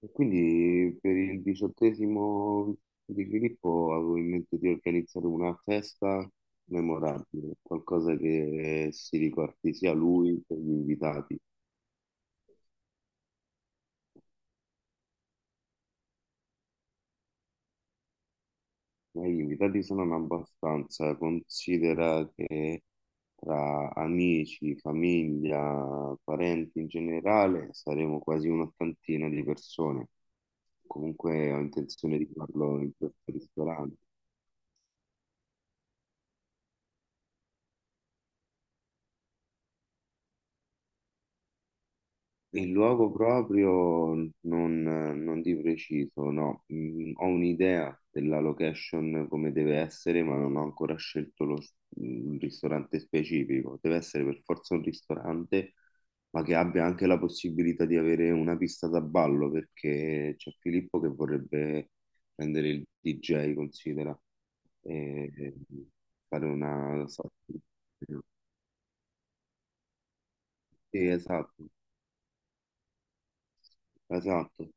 E quindi per il diciottesimo di Filippo avevo in mente di organizzare una festa memorabile, qualcosa che si ricordi sia lui che gli invitati. Ma gli invitati sono in abbastanza, considera che tra amici, famiglia, parenti in generale saremo quasi un'ottantina di persone. Comunque ho intenzione di farlo in questo ristorante. Il luogo proprio non di preciso, no. Ho un'idea della location come deve essere, ma non ho ancora scelto un ristorante specifico. Deve essere per forza un ristorante, ma che abbia anche la possibilità di avere una pista da ballo, perché c'è Filippo che vorrebbe prendere il DJ, considera, e fare una. Sì, esatto, esatto.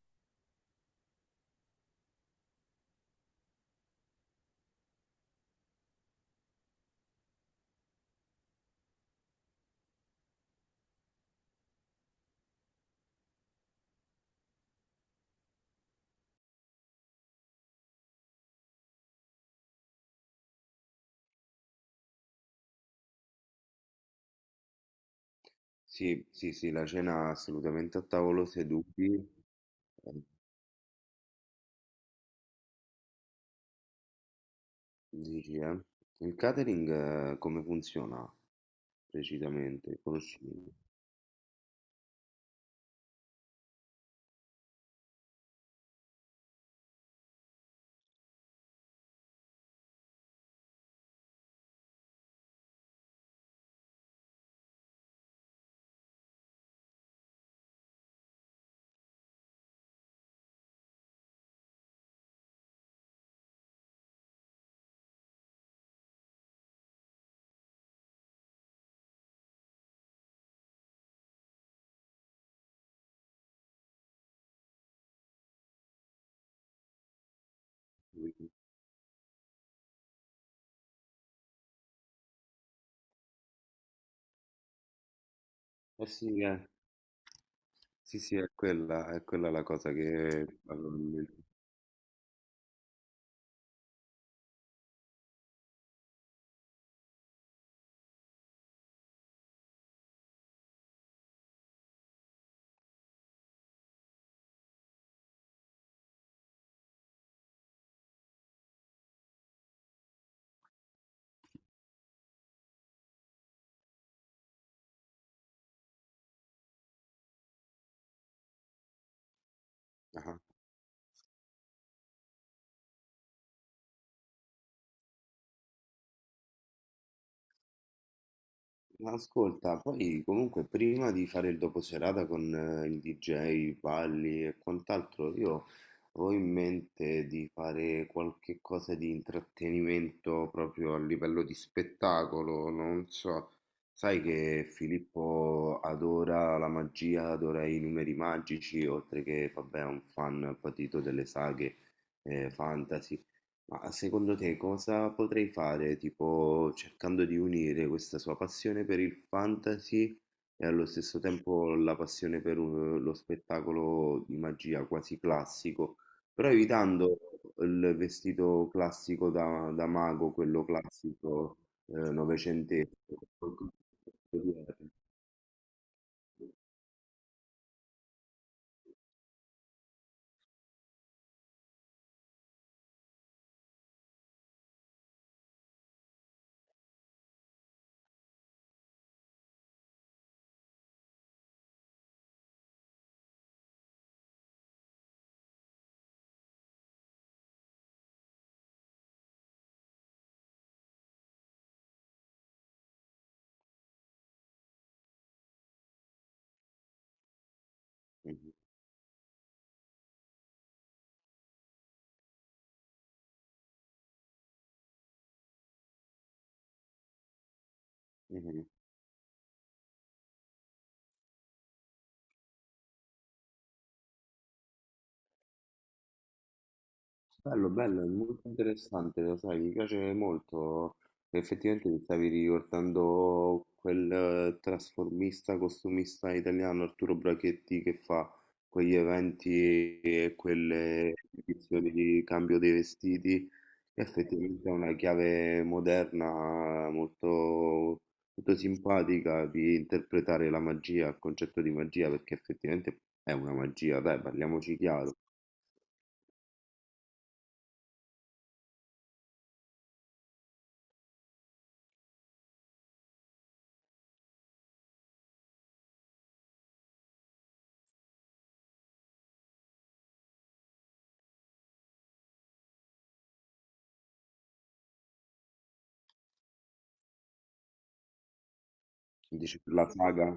Sì, sì, sì, la cena assolutamente a tavolo seduti. eh, dici, eh. Il catering come funziona precisamente? Conosci? Eh sì, sì, sì, è quella la cosa che probabilmente- Ah. Ma ascolta, poi comunque prima di fare il doposerata con il DJ, Valli e quant'altro, io avevo in mente di fare qualche cosa di intrattenimento proprio a livello di spettacolo, non so, sai che Filippo adora la magia, adora i numeri magici, oltre che, vabbè, è un fan patito delle saghe fantasy. Ma secondo te cosa potrei fare, tipo cercando di unire questa sua passione per il fantasy e allo stesso tempo la passione per lo spettacolo di magia quasi classico, però evitando il vestito classico da mago, quello classico novecentesco. Mhm, mhm. Bello, bello, è molto interessante, lo sai, mi piace molto. Effettivamente mi stavi ricordando quel trasformista, costumista italiano Arturo Brachetti che fa quegli eventi e quelle edizioni di cambio dei vestiti, che effettivamente è una chiave moderna molto, molto simpatica di interpretare la magia, il concetto di magia, perché effettivamente è una magia, dai, parliamoci chiaro. Dici per la saga?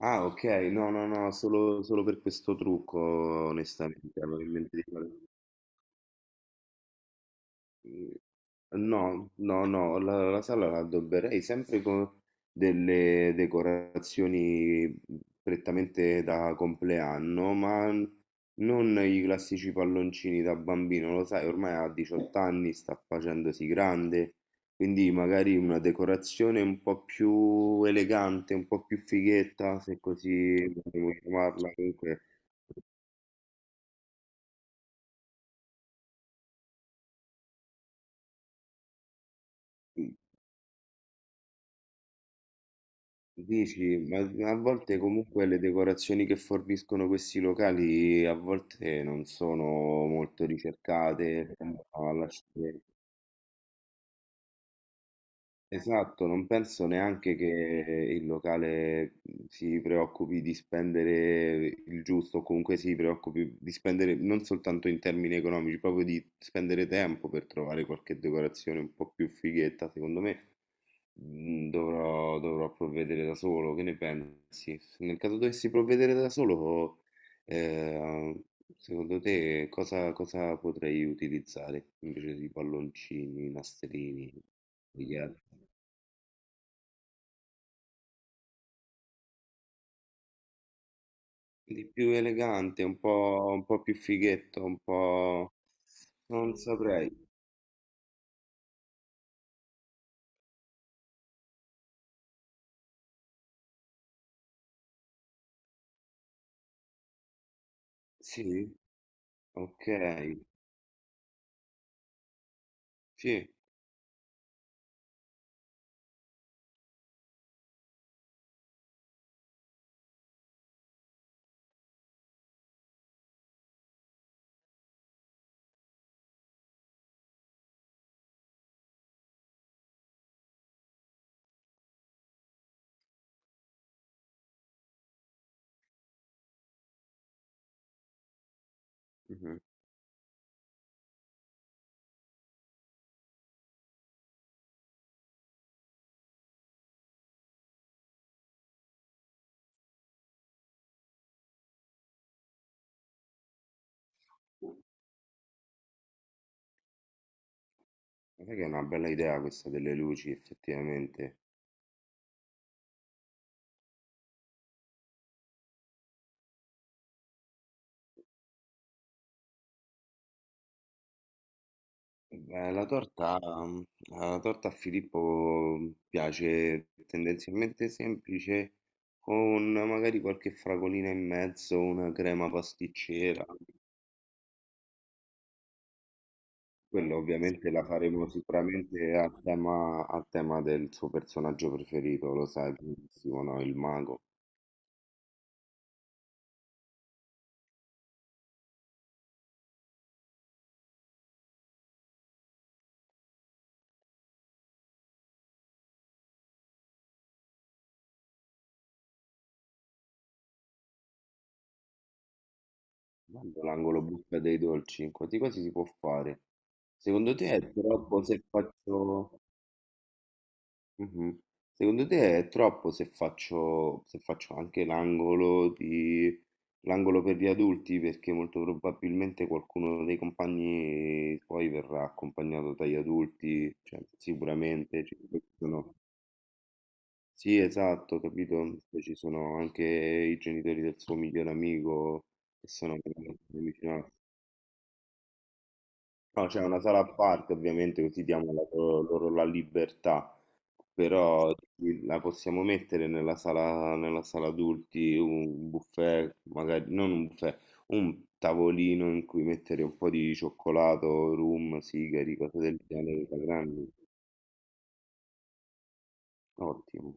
Ah, ok, no, no, no, solo per questo trucco, onestamente, avevo in mente di fare- No, no, no, la sala la addobberei sempre con delle decorazioni prettamente da compleanno, ma non i classici palloncini da bambino, lo sai, ormai ha 18 anni, sta facendosi grande, quindi magari una decorazione un po' più elegante, un po' più fighetta, se così vogliamo chiamarla, comunque. Mh, dici, ma a volte comunque le decorazioni che forniscono questi locali a volte non sono molto ricercate, tendono a lasciare. Esatto, non penso neanche che il locale, si preoccupi di spendere il giusto o comunque si preoccupi di spendere non soltanto in termini economici, proprio di spendere tempo per trovare qualche decorazione un po' più fighetta, secondo me. Dovrò provvedere da solo, che ne pensi? Nel caso dovessi provvedere da solo, eh, secondo te cosa potrei utilizzare invece di palloncini, nastrini, biglietti? Di più elegante, un po' più fighetto, un po'. Non saprei. Sì, ok, sì. Mhm. Guarda che è una bella idea questa delle luci, effettivamente. Beh, la torta a Filippo piace tendenzialmente semplice, con magari qualche fragolina in mezzo, una crema pasticcera. Quello ovviamente la faremo sicuramente a tema del suo personaggio preferito, lo sai benissimo, no? Il mago. Quando l'angolo buca dei dolci, quasi quasi si può fare. Secondo te è troppo se faccio. Mh-mh. Secondo te è troppo se faccio anche l'angolo per gli adulti? Perché molto probabilmente qualcuno dei compagni poi verrà accompagnato dagli adulti, cioè sicuramente ci sono, sì, esatto, capito? Poi ci sono anche i genitori del suo migliore amico che sono veramente vicinanza. No, c'è una sala a parte ovviamente così diamo la loro loro la libertà. Però sì, la possiamo mettere nella sala adulti, un buffet, magari non un buffet, un tavolino in cui mettere un po' di cioccolato, rum, sigari, cose del genere da grandi. Ottimo.